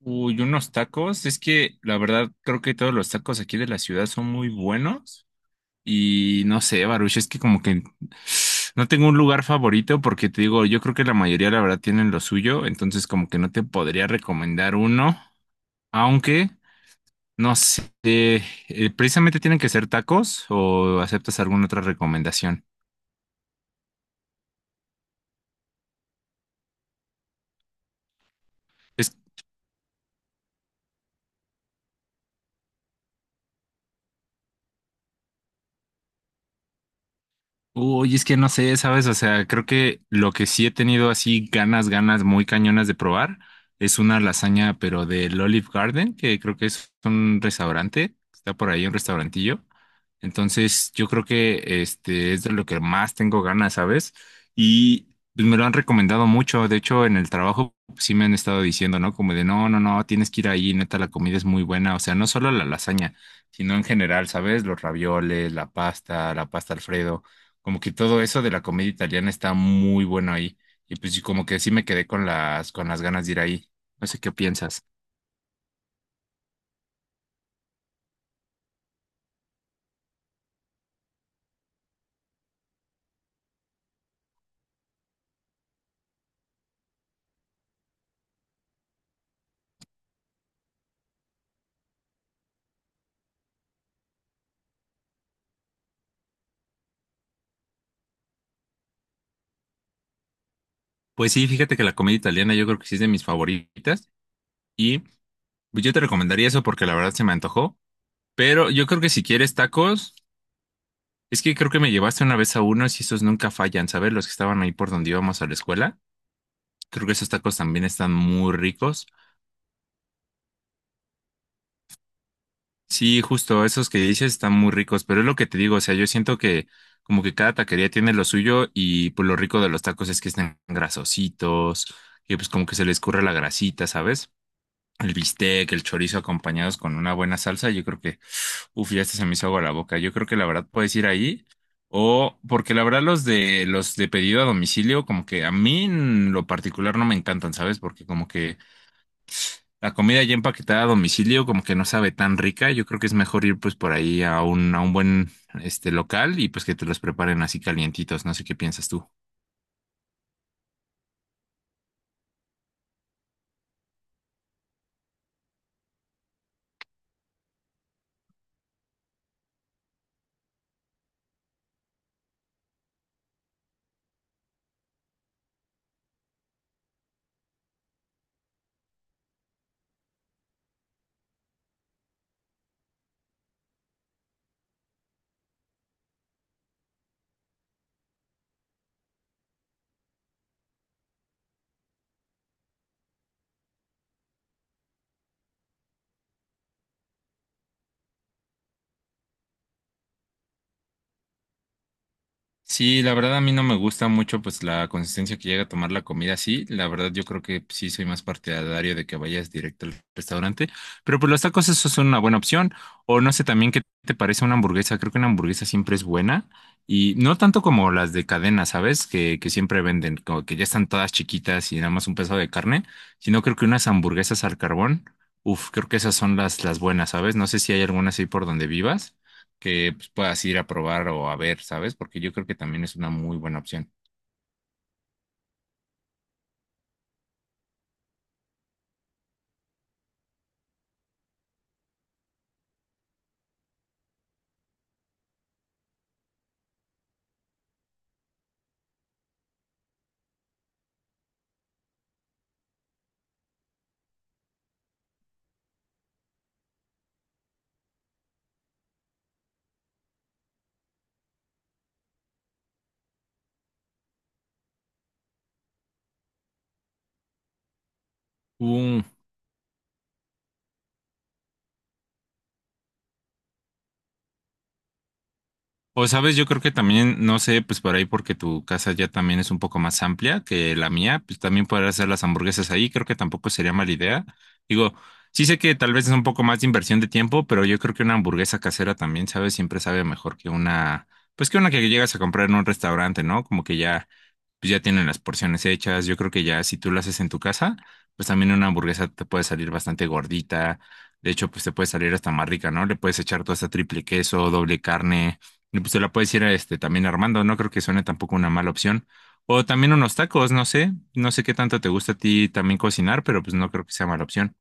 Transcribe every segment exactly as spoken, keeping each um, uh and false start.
Uy, unos tacos. Es que la verdad creo que todos los tacos aquí de la ciudad son muy buenos. Y no sé, Baruch, es que como que no tengo un lugar favorito porque te digo, yo creo que la mayoría la verdad tienen lo suyo. Entonces como que no te podría recomendar uno. Aunque, no sé, eh, precisamente tienen que ser tacos o aceptas alguna otra recomendación. Es Uy, es que no sé, ¿sabes? O sea, creo que lo que sí he tenido así ganas, ganas muy cañonas de probar es una lasaña, pero del Olive Garden, que creo que es un restaurante, está por ahí un restaurantillo. Entonces, yo creo que este es de lo que más tengo ganas, ¿sabes? Y pues, me lo han recomendado mucho. De hecho, en el trabajo pues, sí me han estado diciendo, ¿no? Como de, no, no, no, tienes que ir ahí, neta, la comida es muy buena. O sea, no solo la lasaña, sino en general, ¿sabes? Los ravioles, la pasta, la pasta Alfredo. Como que todo eso de la comedia italiana está muy bueno ahí. Y pues sí, como que sí me quedé con las, con las ganas de ir ahí. No sé qué piensas. Pues sí, fíjate que la comedia italiana yo creo que sí es de mis favoritas. Y pues yo te recomendaría eso porque la verdad se me antojó. Pero yo creo que si quieres tacos, es que creo que me llevaste una vez a unos y esos nunca fallan, ¿sabes? Los que estaban ahí por donde íbamos a la escuela. Creo que esos tacos también están muy ricos. Sí, justo, esos que dices están muy ricos, pero es lo que te digo, o sea, yo siento que como que cada taquería tiene lo suyo y pues lo rico de los tacos es que están grasositos, que pues como que se les escurre la grasita, ¿sabes? El bistec, el chorizo acompañados con una buena salsa, yo creo que, uf, ya hasta se me hizo agua la boca, yo creo que la verdad puedes ir ahí o porque la verdad los de los de pedido a domicilio como que a mí en lo particular no me encantan, ¿sabes? Porque como que la comida ya empaquetada a domicilio como que no sabe tan rica. Yo creo que es mejor ir pues por ahí a un, a un buen este local y pues que te los preparen así calientitos. No sé qué piensas tú. Sí, la verdad a mí no me gusta mucho pues la consistencia que llega a tomar la comida así. La verdad yo creo que pues, sí soy más partidario de que vayas directo al restaurante. Pero pues los tacos eso son una buena opción. O no sé también qué te parece una hamburguesa. Creo que una hamburguesa siempre es buena. Y no tanto como las de cadena, ¿sabes? Que, que siempre venden, como que ya están todas chiquitas y nada más un pedazo de carne. Sino creo que unas hamburguesas al carbón. Uf, creo que esas son las, las buenas, ¿sabes? No sé si hay alguna así por donde vivas que pues, puedas ir a probar o a ver, ¿sabes? Porque yo creo que también es una muy buena opción. Uh, o sabes, yo creo que también, no sé, pues por ahí porque tu casa ya también es un poco más amplia que la mía, pues también poder hacer las hamburguesas ahí, creo que tampoco sería mala idea. Digo, sí sé que tal vez es un poco más de inversión de tiempo, pero yo creo que una hamburguesa casera también, ¿sabes? Siempre sabe mejor que una, pues que una que llegas a comprar en un restaurante, ¿no? Como que ya pues ya tienen las porciones hechas. Yo creo que ya si tú lo haces en tu casa, pues también una hamburguesa te puede salir bastante gordita. De hecho, pues te puede salir hasta más rica, ¿no? Le puedes echar toda esta triple queso, doble carne. Y pues te la puedes ir este, también armando. No creo que suene tampoco una mala opción. O también unos tacos, no sé. No sé qué tanto te gusta a ti también cocinar, pero pues no creo que sea mala opción.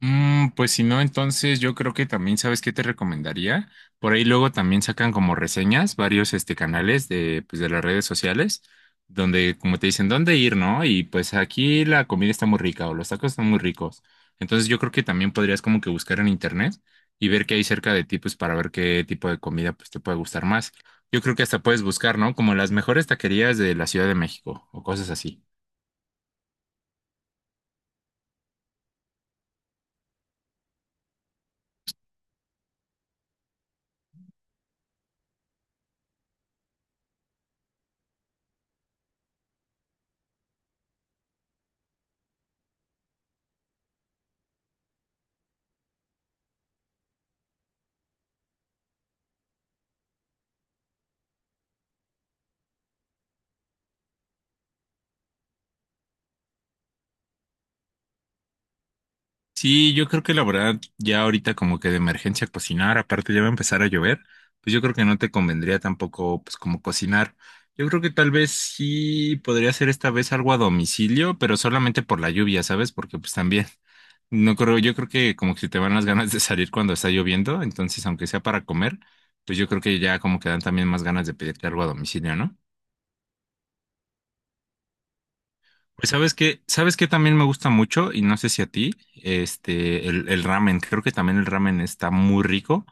Mm, pues si no, entonces yo creo que también, ¿sabes qué te recomendaría? Por ahí luego también sacan como reseñas varios este, canales de, pues, de las redes sociales, donde como te dicen dónde ir, ¿no? Y pues aquí la comida está muy rica o los tacos están muy ricos. Entonces yo creo que también podrías como que buscar en internet y ver qué hay cerca de ti, pues para ver qué tipo de comida pues te puede gustar más. Yo creo que hasta puedes buscar, ¿no? Como las mejores taquerías de la Ciudad de México o cosas así. Sí, yo creo que la verdad, ya ahorita como que de emergencia cocinar, aparte ya va a empezar a llover, pues yo creo que no te convendría tampoco pues como cocinar. Yo creo que tal vez sí podría hacer esta vez algo a domicilio, pero solamente por la lluvia, ¿sabes? Porque pues también, no creo, yo creo que como que se te van las ganas de salir cuando está lloviendo, entonces aunque sea para comer, pues yo creo que ya como que dan también más ganas de pedirte algo a domicilio, ¿no? Pues sabes que, sabes que también me gusta mucho, y no sé si a ti, este, el, el ramen. Creo que también el ramen está muy rico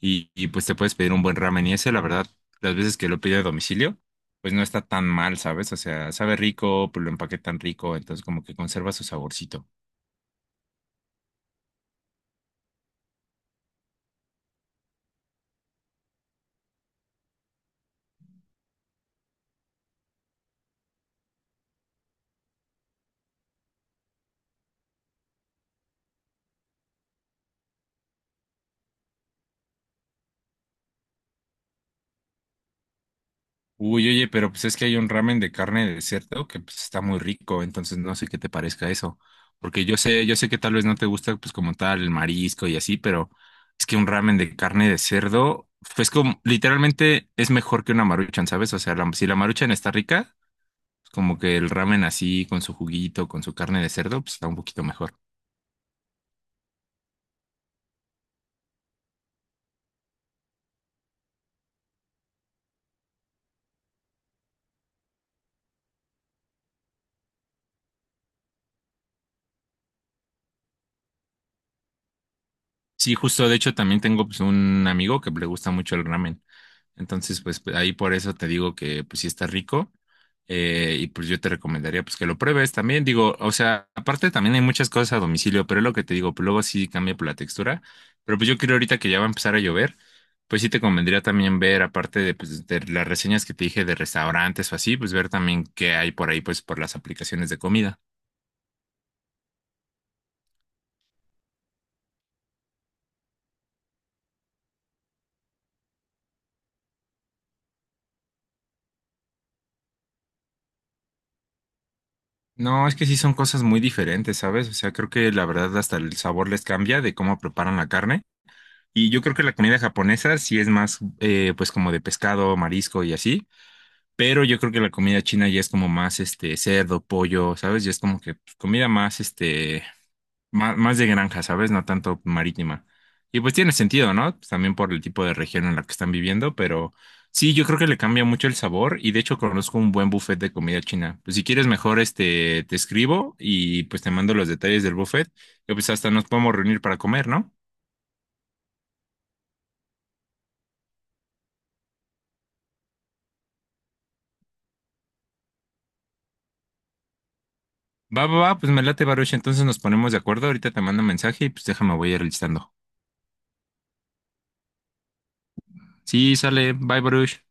y, y, pues te puedes pedir un buen ramen. Y ese, la verdad, las veces que lo pido a domicilio, pues no está tan mal, ¿sabes? O sea, sabe rico, pues lo empaquetan rico, entonces como que conserva su saborcito. Uy, oye, pero pues es que hay un ramen de carne de cerdo que pues está muy rico, entonces no sé qué te parezca eso, porque yo sé, yo sé que tal vez no te gusta pues como tal el marisco y así, pero es que un ramen de carne de cerdo pues como literalmente es mejor que una maruchan, ¿sabes? O sea, la- si la maruchan está rica, pues, como que el ramen así con su juguito, con su carne de cerdo, pues está un poquito mejor. Sí, justo, de hecho también tengo pues un amigo que le gusta mucho el ramen. Entonces, pues pues, ahí por eso te digo que pues sí está rico. Eh, y pues yo te recomendaría pues que lo pruebes también. Digo, o sea, aparte también hay muchas cosas a domicilio, pero es lo que te digo, pues luego sí cambia por la textura. Pero pues yo creo ahorita que ya va a empezar a llover, pues sí te convendría también ver, aparte de, pues, de las reseñas que te dije de restaurantes o así, pues ver también qué hay por ahí, pues por las aplicaciones de comida. No, es que sí son cosas muy diferentes, ¿sabes? O sea, creo que la verdad hasta el sabor les cambia de cómo preparan la carne. Y yo creo que la comida japonesa sí es más, eh, pues como de pescado, marisco y así, pero yo creo que la comida china ya es como más, este, cerdo, pollo, ¿sabes? Ya es como que pues, comida más, este, más, más de granja, ¿sabes? No tanto marítima. Y pues tiene sentido, ¿no? Pues, también por el tipo de región en la que están viviendo, pero sí, yo creo que le cambia mucho el sabor y de hecho conozco un buen buffet de comida china. Pues si quieres mejor, este, te escribo y pues te mando los detalles del buffet, y pues hasta nos podemos reunir para comer, ¿no? Va, va, va, pues me late, Baruch. Entonces nos ponemos de acuerdo. Ahorita te mando un mensaje y pues déjame, voy a ir listando. Sí, sale. Bye, Baruch.